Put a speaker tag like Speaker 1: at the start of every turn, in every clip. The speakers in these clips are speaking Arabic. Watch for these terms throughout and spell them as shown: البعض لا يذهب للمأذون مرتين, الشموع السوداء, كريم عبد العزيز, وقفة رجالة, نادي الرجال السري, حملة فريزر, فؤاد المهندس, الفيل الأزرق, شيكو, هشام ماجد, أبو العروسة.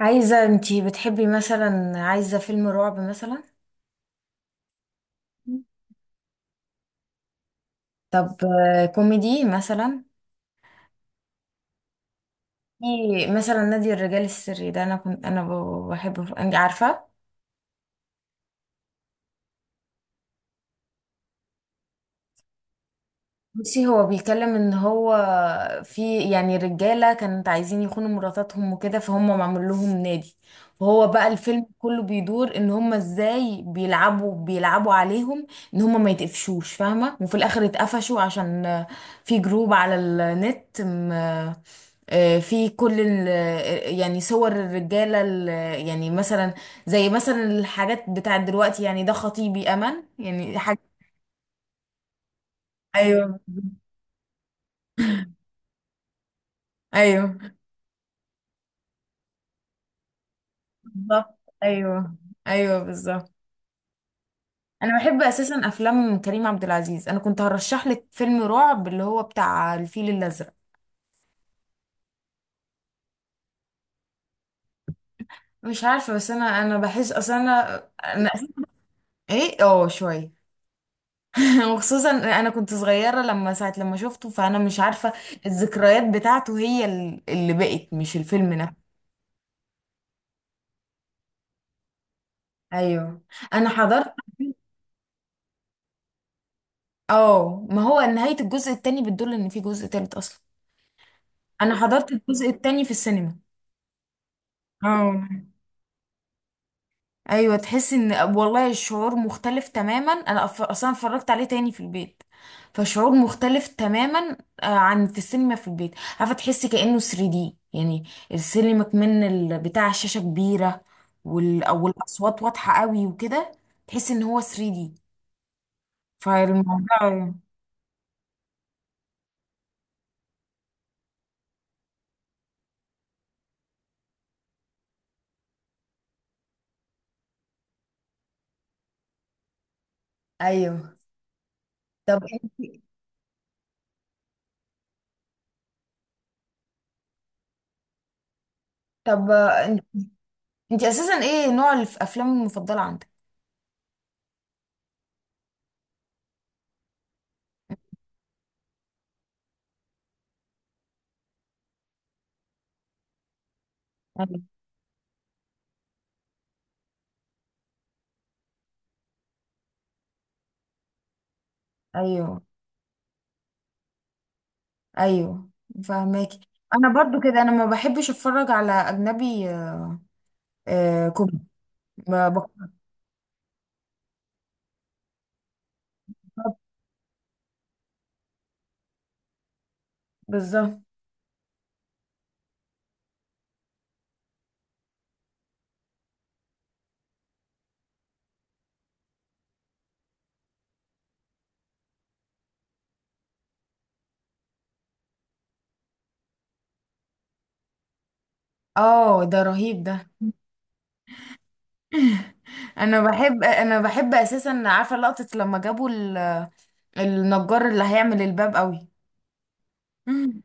Speaker 1: عايزة، انتي بتحبي مثلا؟ عايزة فيلم رعب مثلا؟ طب كوميدي مثلا؟ في. مثلا نادي الرجال السري ده، انا كنت بحبه، انت عارفة. بصي، هو بيتكلم ان هو. في، يعني، رجاله كانت عايزين يخونوا مراتاتهم وكده، فهم معمول لهم نادي. وهو بقى الفيلم كله بيدور ان هم ازاي بيلعبوا عليهم. ان هم ما يتقفشوش، فاهمه، وفي الاخر اتقفشوا عشان في جروب على النت في كل يعني صور الرجاله يعني مثلا، زي مثلا الحاجات بتاعت دلوقتي، يعني ده خطيبي امل، يعني حاجه. ايوه. ايوه بالظبط. ايوه. ايوه بالظبط. انا بحب اساسا افلام كريم عبد العزيز. انا كنت هرشح لك فيلم رعب اللي هو بتاع الفيل الازرق. مش عارفه، بس انا بحس، اصلا انا. ايه، اه، شويه. وخصوصا انا كنت صغيره لما ساعه لما شفته، فانا مش عارفه. الذكريات بتاعته، هي اللي بقت، مش الفيلم نفسه. ايوه. انا حضرت. اه، ما هو نهايه الجزء التاني بتدل ان في جزء تالت اصلا. انا حضرت الجزء التاني في السينما. اه. ايوه، تحس ان والله الشعور مختلف تماما. انا اصلا اتفرجت عليه تاني في البيت. فشعور مختلف تماما. عن في السينما في البيت. عارفه، تحسي كانه 3D يعني. السينما كمان بتاع الشاشه كبيره. او الاصوات واضحه قوي وكده. تحس ان هو 3D. فالموضوع. ايوه. طب انت. طب انت. انت اساسا ايه نوع الافلام المفضله عندك؟ ايوه. ايوه. ايوه فاهماكي. انا برضو كده، انا ما بحبش اتفرج على اجنبي. آه، كوميدي. ما بقدر- بالظبط. اه، ده رهيب ده. انا بحب اساسا، عارفه لقطه لما جابوا النجار اللي هيعمل الباب قوي. مم.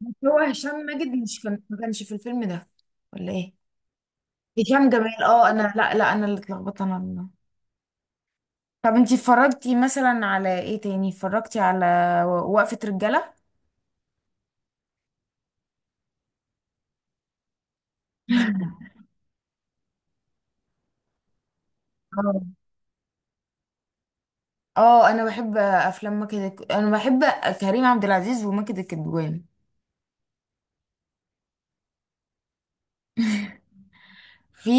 Speaker 1: هو هشام ماجد، مش كان ما كانش في الفيلم ده، ولا ايه؟ هشام جمال. اه انا، لا، لا، انا اللي اتلخبطت، انا اللي. طب انتي اتفرجتي مثلا على ايه تاني؟ اتفرجتي على وقفة رجالة. اه. اه، انا بحب افلام ماجد انا بحب كريم عبد العزيز وماجد الكدواني. في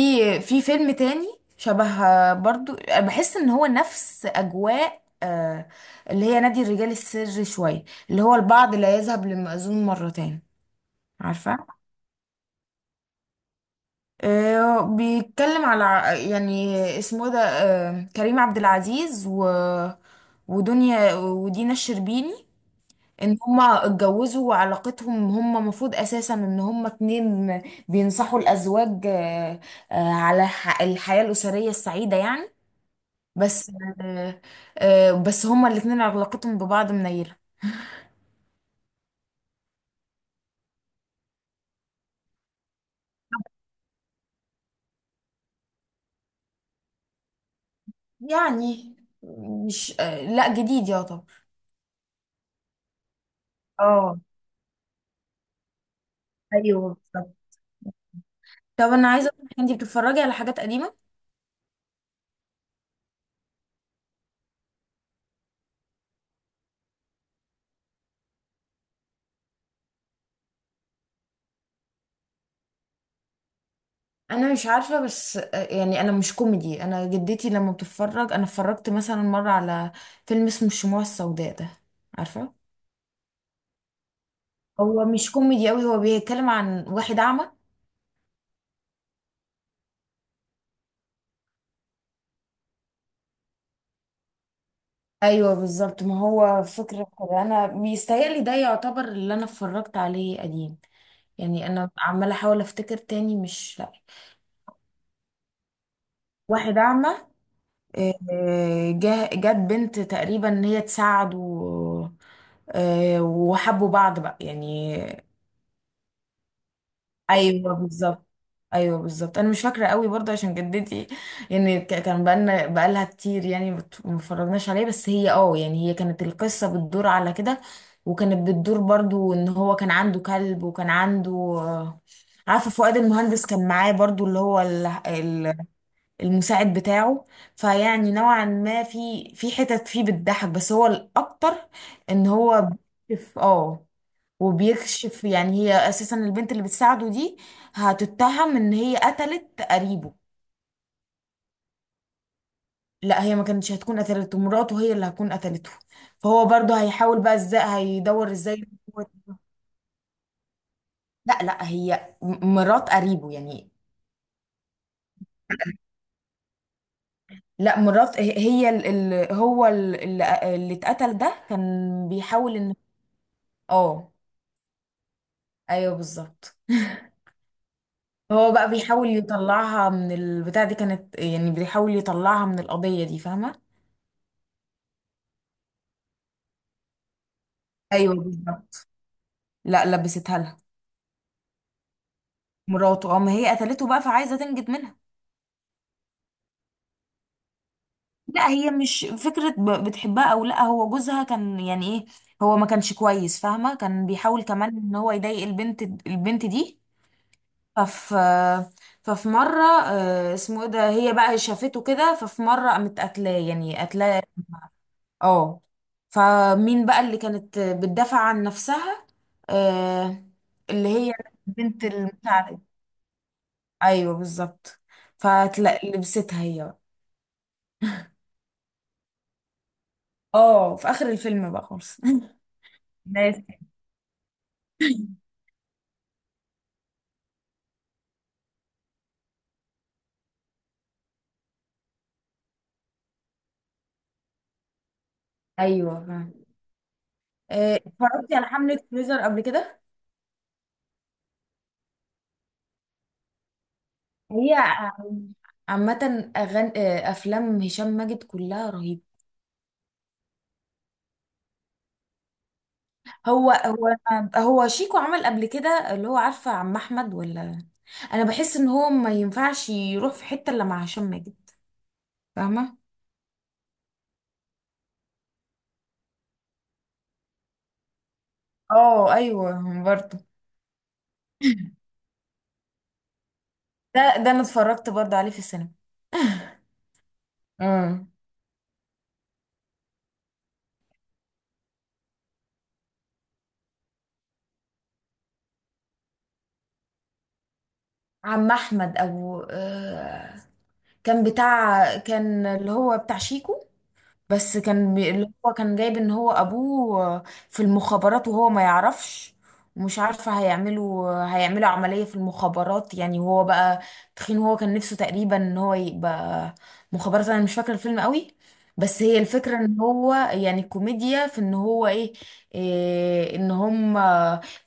Speaker 1: في فيلم تاني شبه، برضو بحس ان هو نفس اجواء اللي هي نادي الرجال السري شويه، اللي هو البعض لا يذهب للمأذون مرتين. عارفه، بيتكلم على يعني اسمه إيه ده، كريم عبد العزيز و ودينا الشربيني. ان هما اتجوزوا وعلاقتهم، هما المفروض اساسا ان هما اتنين بينصحوا الازواج على الحياة الاسرية السعيدة يعني. بس آه، بس هما الاتنين علاقتهم ببعض منيلة. يعني، مش لا، جديد يا طب. اه. ايوه بالظبط. طب انا عايزه اقول، انت بتتفرجي على حاجات قديمه؟ انا مش عارفه، بس يعني انا مش كوميدي، انا جدتي لما بتتفرج، انا اتفرجت مثلا مره على فيلم اسمه الشموع السوداء ده، عارفه. هو مش كوميدي قوي، هو بيتكلم عن واحد اعمى. ايوه بالظبط، ما هو فكرة كده، انا بيستاهل ده، يعتبر اللي انا اتفرجت عليه قديم. يعني انا عمالة احاول افتكر تاني، مش، لا. واحد اعمى. جت بنت تقريبا ان هي تساعده. وحبوا بعض بقى يعني. ايوه بالظبط. ايوه بالظبط، انا مش فاكره قوي برضه عشان جدتي. يعني كان بقالنا بقالها كتير يعني، ما اتفرجناش عليه، بس هي اه يعني هي كانت، القصه بتدور على كده. وكانت بتدور برضه ان هو كان عنده كلب، وكان عنده عارفه فؤاد المهندس كان معاه برضه، اللي هو المساعد بتاعه. فيعني نوعا ما في حتت فيه بتضحك، بس هو الاكتر ان هو اه، وبيكشف، يعني هي اساسا البنت اللي بتساعده دي هتتهم ان هي قتلت قريبه. لا، هي ما كانتش هتكون قتلته، مراته هي اللي هتكون قتلته. فهو برضه هيحاول بقى، ازاي هيدور ازاي إن هو- لا، لا، هي مرات قريبه يعني. لا مرات، هي هو اللي اتقتل ده، كان بيحاول ان اه ايوه بالظبط. هو بقى بيحاول يطلعها من البتاع دي كانت، يعني بيحاول يطلعها من القضية دي، فاهمة؟ ايوه بالظبط. لا، لبستها لها. مراته قام هي قتلته بقى فعايزه تنجد منها. لا، هي مش فكره بتحبها او لا، هو جوزها كان يعني ايه، هو ما كانش كويس، فاهمه، كان بيحاول كمان ان هو يضايق البنت دي. ففي ففي مره اسمه ايه ده، هي بقى شافته كده، ففي مره قامت قتلاه، يعني قتلاه. اه. فمين بقى اللي كانت بتدافع عن نفسها؟ آه، اللي هي البنت المساعدة. ايوه بالظبط. فلبستها هي بقى. اه في اخر الفيلم بقى خالص. بس. ايوه، فاهم. اتفرجتي على حملة فريزر قبل كده؟ هي عامة أغان... آه، أفلام هشام ماجد كلها رهيبة. هو هو هو شيكو عمل قبل كده، اللي هو عارفة عم احمد؟ ولا أنا بحس إن هو ما ينفعش يروح في حتة إلا مع هشام ماجد، فاهمة؟ اه ايوه برضه. ده انا اتفرجت برضه عليه في السينما. امم. عم أحمد أبو كان اللي هو بتاع شيكو، بس كان اللي هو كان جايب ان هو ابوه في المخابرات وهو ما يعرفش. ومش عارفة هيعملوا عملية في المخابرات، يعني، وهو بقى تخين. وهو كان نفسه تقريبا ان هو يبقى مخابرات. انا مش فاكرة الفيلم قوي، بس هي الفكرة ان هو يعني كوميديا في ان هو إيه ان هم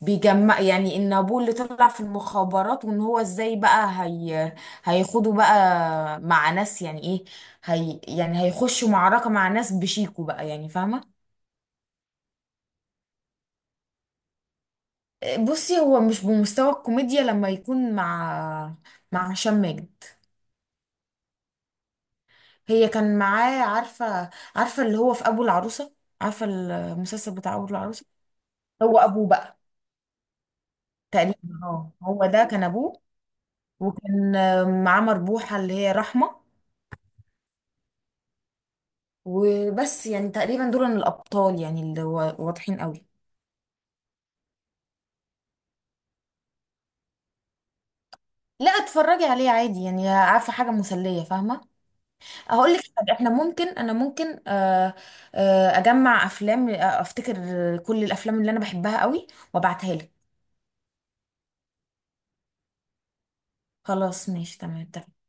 Speaker 1: بيجمع، يعني ان ابوه اللي طلع في المخابرات، وان هو ازاي بقى هي هيخوضوا بقى مع ناس، يعني ايه، هي يعني هيخشوا معركة مع ناس بشيكو بقى يعني، فاهمة؟ بصي، هو مش بمستوى الكوميديا لما يكون مع هشام ماجد. هي كان معاه، عارفة اللي هو في أبو العروسة. عارفة المسلسل بتاع أبو العروسة؟ هو أبوه بقى، تقريبا. اه هو ده كان أبوه. وكان معاه مربوحة اللي هي رحمة. وبس يعني تقريبا دول الأبطال، يعني اللي هو واضحين قوي. لا، اتفرجي عليه عادي، يعني عارفة حاجة مسلية، فاهمة؟ هقول لك حاجة، احنا ممكن انا ممكن اجمع افلام افتكر كل الافلام اللي انا بحبها قوي وابعتها لك. خلاص، ماشي، تمام، اتفقنا.